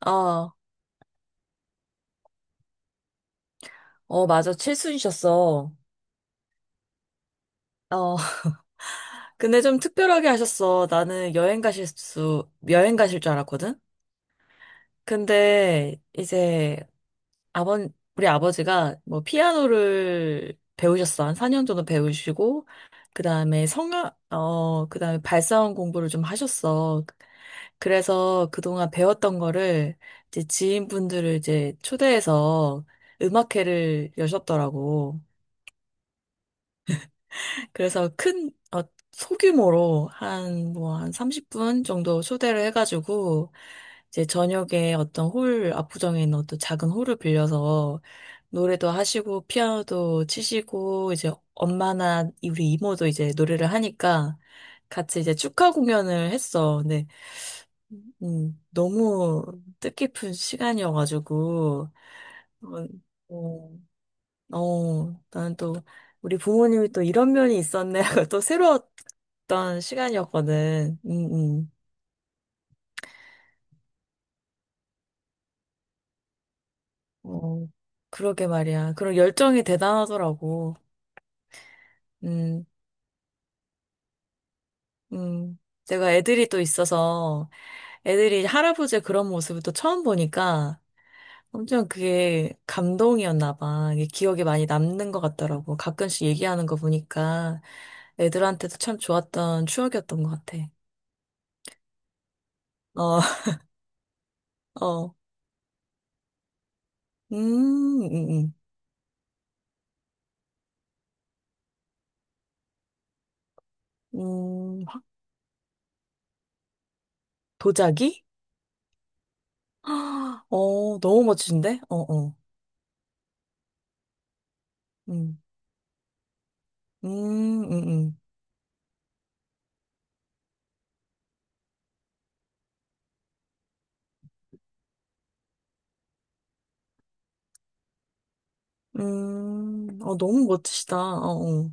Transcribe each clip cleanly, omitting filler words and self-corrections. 아, 어, 맞아. 칠순이셨어. 어, 근데 좀 특별하게 하셨어. 나는 여행 가실 수, 여행 가실 줄 알았거든? 근데 이제 아버, 우리 아버지가 뭐 피아노를 배우셨어. 한 4년 정도 배우시고, 그 다음에 성악, 어, 그 다음에 발사원 공부를 좀 하셨어. 그래서 그동안 배웠던 거를 이제 지인분들을 초대해서 음악회를 여셨더라고. 그래서 소규모로 한, 뭐, 한 30분 정도 초대를 해가지고, 이제 저녁에 어떤 홀, 압구정에 있는 어떤 작은 홀을 빌려서 노래도 하시고, 피아노도 치시고, 이제 엄마나 우리 이모도 이제 노래를 하니까 같이 이제 축하 공연을 했어. 근데, 너무 뜻깊은 시간이어가지고, 어, 어, 어, 는또 우리 부모님이 또 이런 면이 있었네 하고 또 새로웠던 시간이었거든. 어, 그러게 말이야. 그런 열정이 대단하더라고. 음, 음. 내가 애들이 또 있어서 애들이 할아버지의 그런 모습을 또 처음 보니까 엄청 그게 감동이었나 봐. 이게 기억에 많이 남는 것 같더라고. 가끔씩 얘기하는 거 보니까 애들한테도 참 좋았던 추억이었던 것 같아. 어, 어. 음. 확- 도자기? 아, 어, 너무 멋진데? 어, 어. 음, 음, 음, 어, 너무 멋지시다. 어, 어.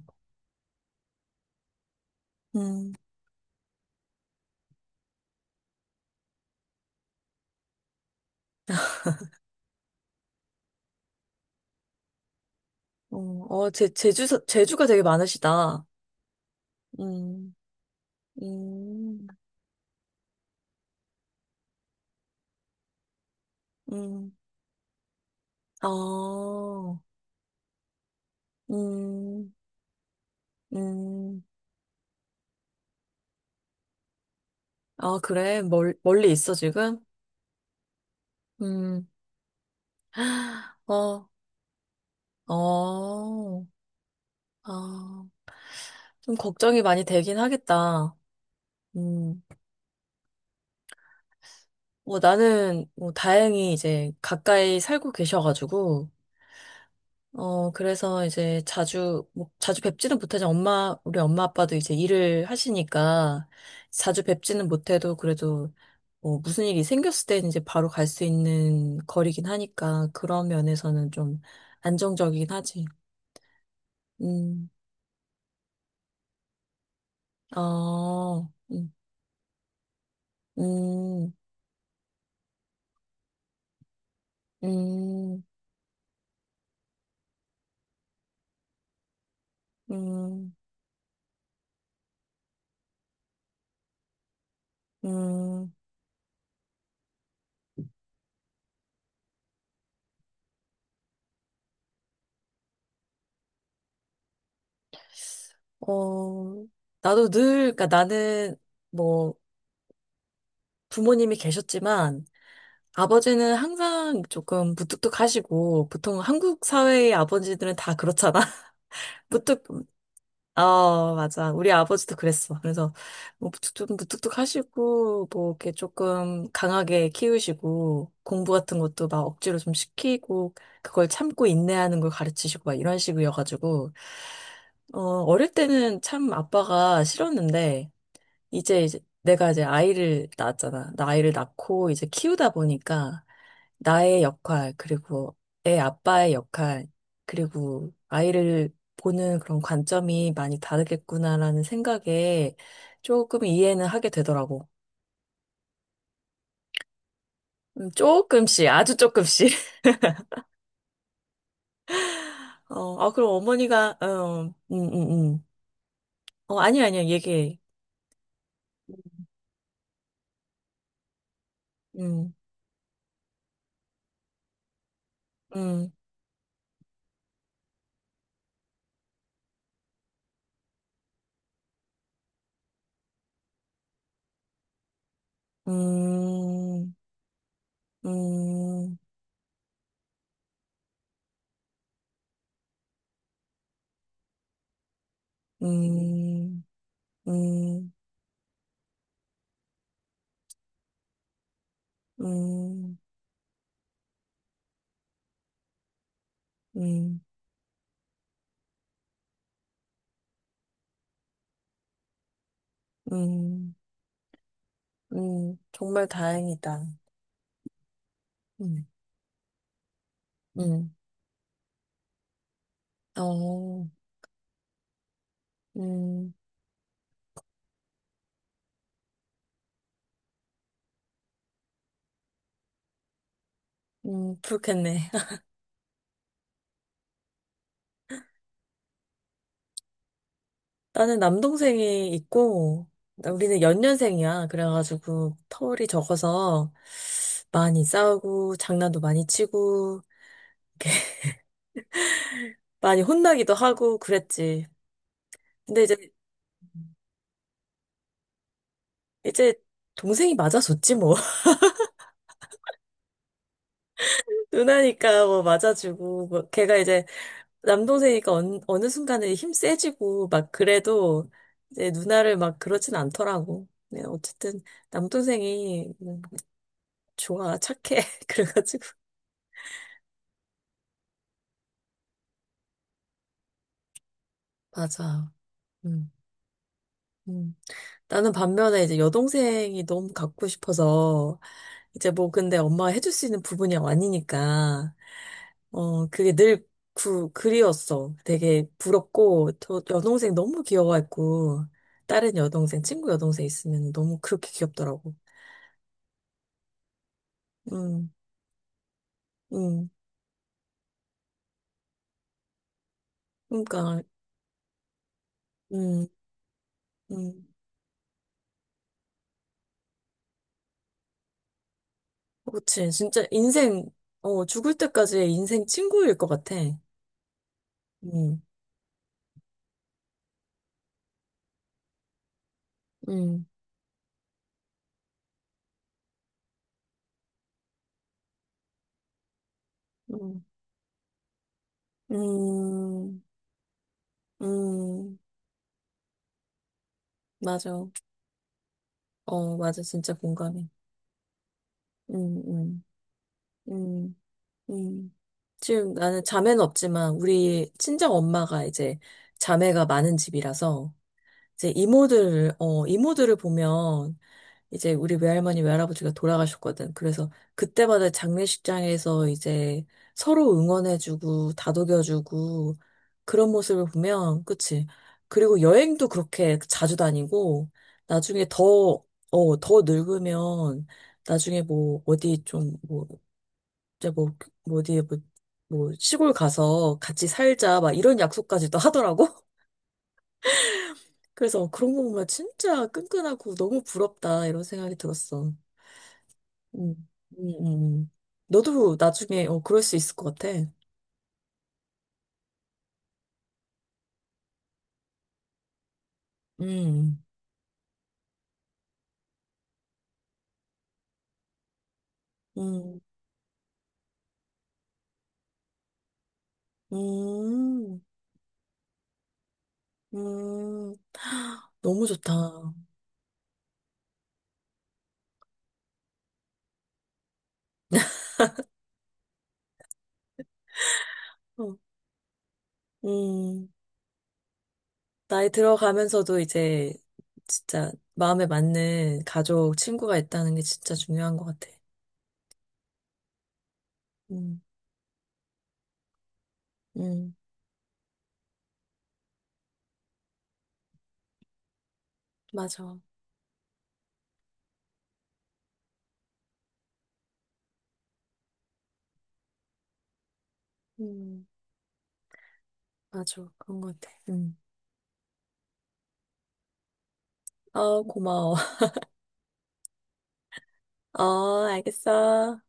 음, 어, 어, 제주가 되게 많으시다. 음, 음, 음. 아, 음, 음. 아, 그래. 멀리 있어, 지금? 음, 어, 어, 아, 좀 걱정이 많이 되긴 하겠다. 음. 뭐 나는 뭐 다행히 이제 가까이 살고 계셔가지고 어 그래서 이제 자주 뵙지는 못하지만 엄마 우리 엄마 아빠도 이제 일을 하시니까 자주 뵙지는 못해도 그래도 뭐 무슨 일이 생겼을 때 이제 바로 갈 수 있는 거리긴 하니까 그런 면에서는 좀 안정적이긴 하지. 음. 어. 음. 음. 음. 음. 음. 어, 나도 늘, 그러니까 나는 뭐 부모님이 계셨지만 아버지는 항상 조금 무뚝뚝하시고 보통 한국 사회의 아버지들은 다 그렇잖아. 무뚝, 어, 맞아. 우리 아버지도 그랬어. 그래서 뭐 뚝뚝 무뚝뚝 하시고 뭐 이렇게 조금 강하게 키우시고 공부 같은 것도 막 억지로 좀 시키고 그걸 참고 인내하는 걸 가르치시고 막 이런 식이어가지고 어, 어릴 때는 참 아빠가 싫었는데 내가 이제 아이를 낳았잖아. 나 아이를 낳고 이제 키우다 보니까 나의 역할, 그리고 애 아빠의 역할, 그리고 아이를 보는 그런 관점이 많이 다르겠구나라는 생각에 조금 이해는 하게 되더라고. 조금씩, 아주 조금씩. 어, 아, 그럼 어머니가, 어, 어, 아니야, 아니야, 얘기해. 음, 음, 음, 음, 음, 음, 음. 음, 음, 정말 다행이다. 음, 음, 어, 음, 그렇겠네. 나는 남동생이 있고, 우리는 연년생이야. 그래가지고 터울이 적어서 많이 싸우고, 장난도 많이 치고, 많이 혼나기도 하고 그랬지. 근데 이제, 이제 동생이 맞아줬지 뭐. 누나니까 뭐 맞아주고, 뭐 걔가 이제 남동생이니까 어느 순간에 힘 세지고 막 그래도 이제 누나를 막 그렇진 않더라고. 네, 어쨌든 남동생이 좋아, 착해. 그래가지고 맞아. 음, 음. 나는 반면에 이제 여동생이 너무 갖고 싶어서 이제 뭐 근데 엄마가 해줄 수 있는 부분이 아니니까 어 그게 늘 그리웠어. 되게 부럽고 또 여동생 너무 귀여워했고 다른 여동생 친구 여동생 있으면 너무 그렇게 귀엽더라고. 음. 음, 그러니까, 음, 음, 그렇지. 진짜 인생, 어, 죽을 때까지의 인생 친구일 것 같아. 음, 음, 음, 음, 음, 맞아. 어, 맞아. 진짜 공감해. 음, 음, 음, 음. 지금 나는 자매는 없지만, 우리 친정 엄마가 이제 자매가 많은 집이라서, 이제 이모들, 어, 이모들을 보면, 이제 우리 외할머니, 외할아버지가 돌아가셨거든. 그래서 그때마다 장례식장에서 이제 서로 응원해주고 다독여주고 그런 모습을 보면, 그치? 그리고 여행도 그렇게 자주 다니고 나중에 더, 어, 더 늙으면 나중에 뭐 어디 좀 뭐, 이제 뭐, 뭐 어디 뭐, 뭐 시골 가서 같이 살자 막 이런 약속까지도 하더라고. 그래서 그런 거 보면 진짜 끈끈하고 너무 부럽다 이런 생각이 들었어. 음, 음, 음. 너도 나중에 어, 그럴 수 있을 것 같아. 음, 음, 음, 하, 너무 좋다. 어, 음, 나이 들어가면서도 이제 진짜 마음에 맞는 가족, 친구가 있다는 게 진짜 중요한 것 같아. 음, 음, 맞아. 음, 맞아. 그런 것 같아. 음. 어, 고마워. 어, 알겠어.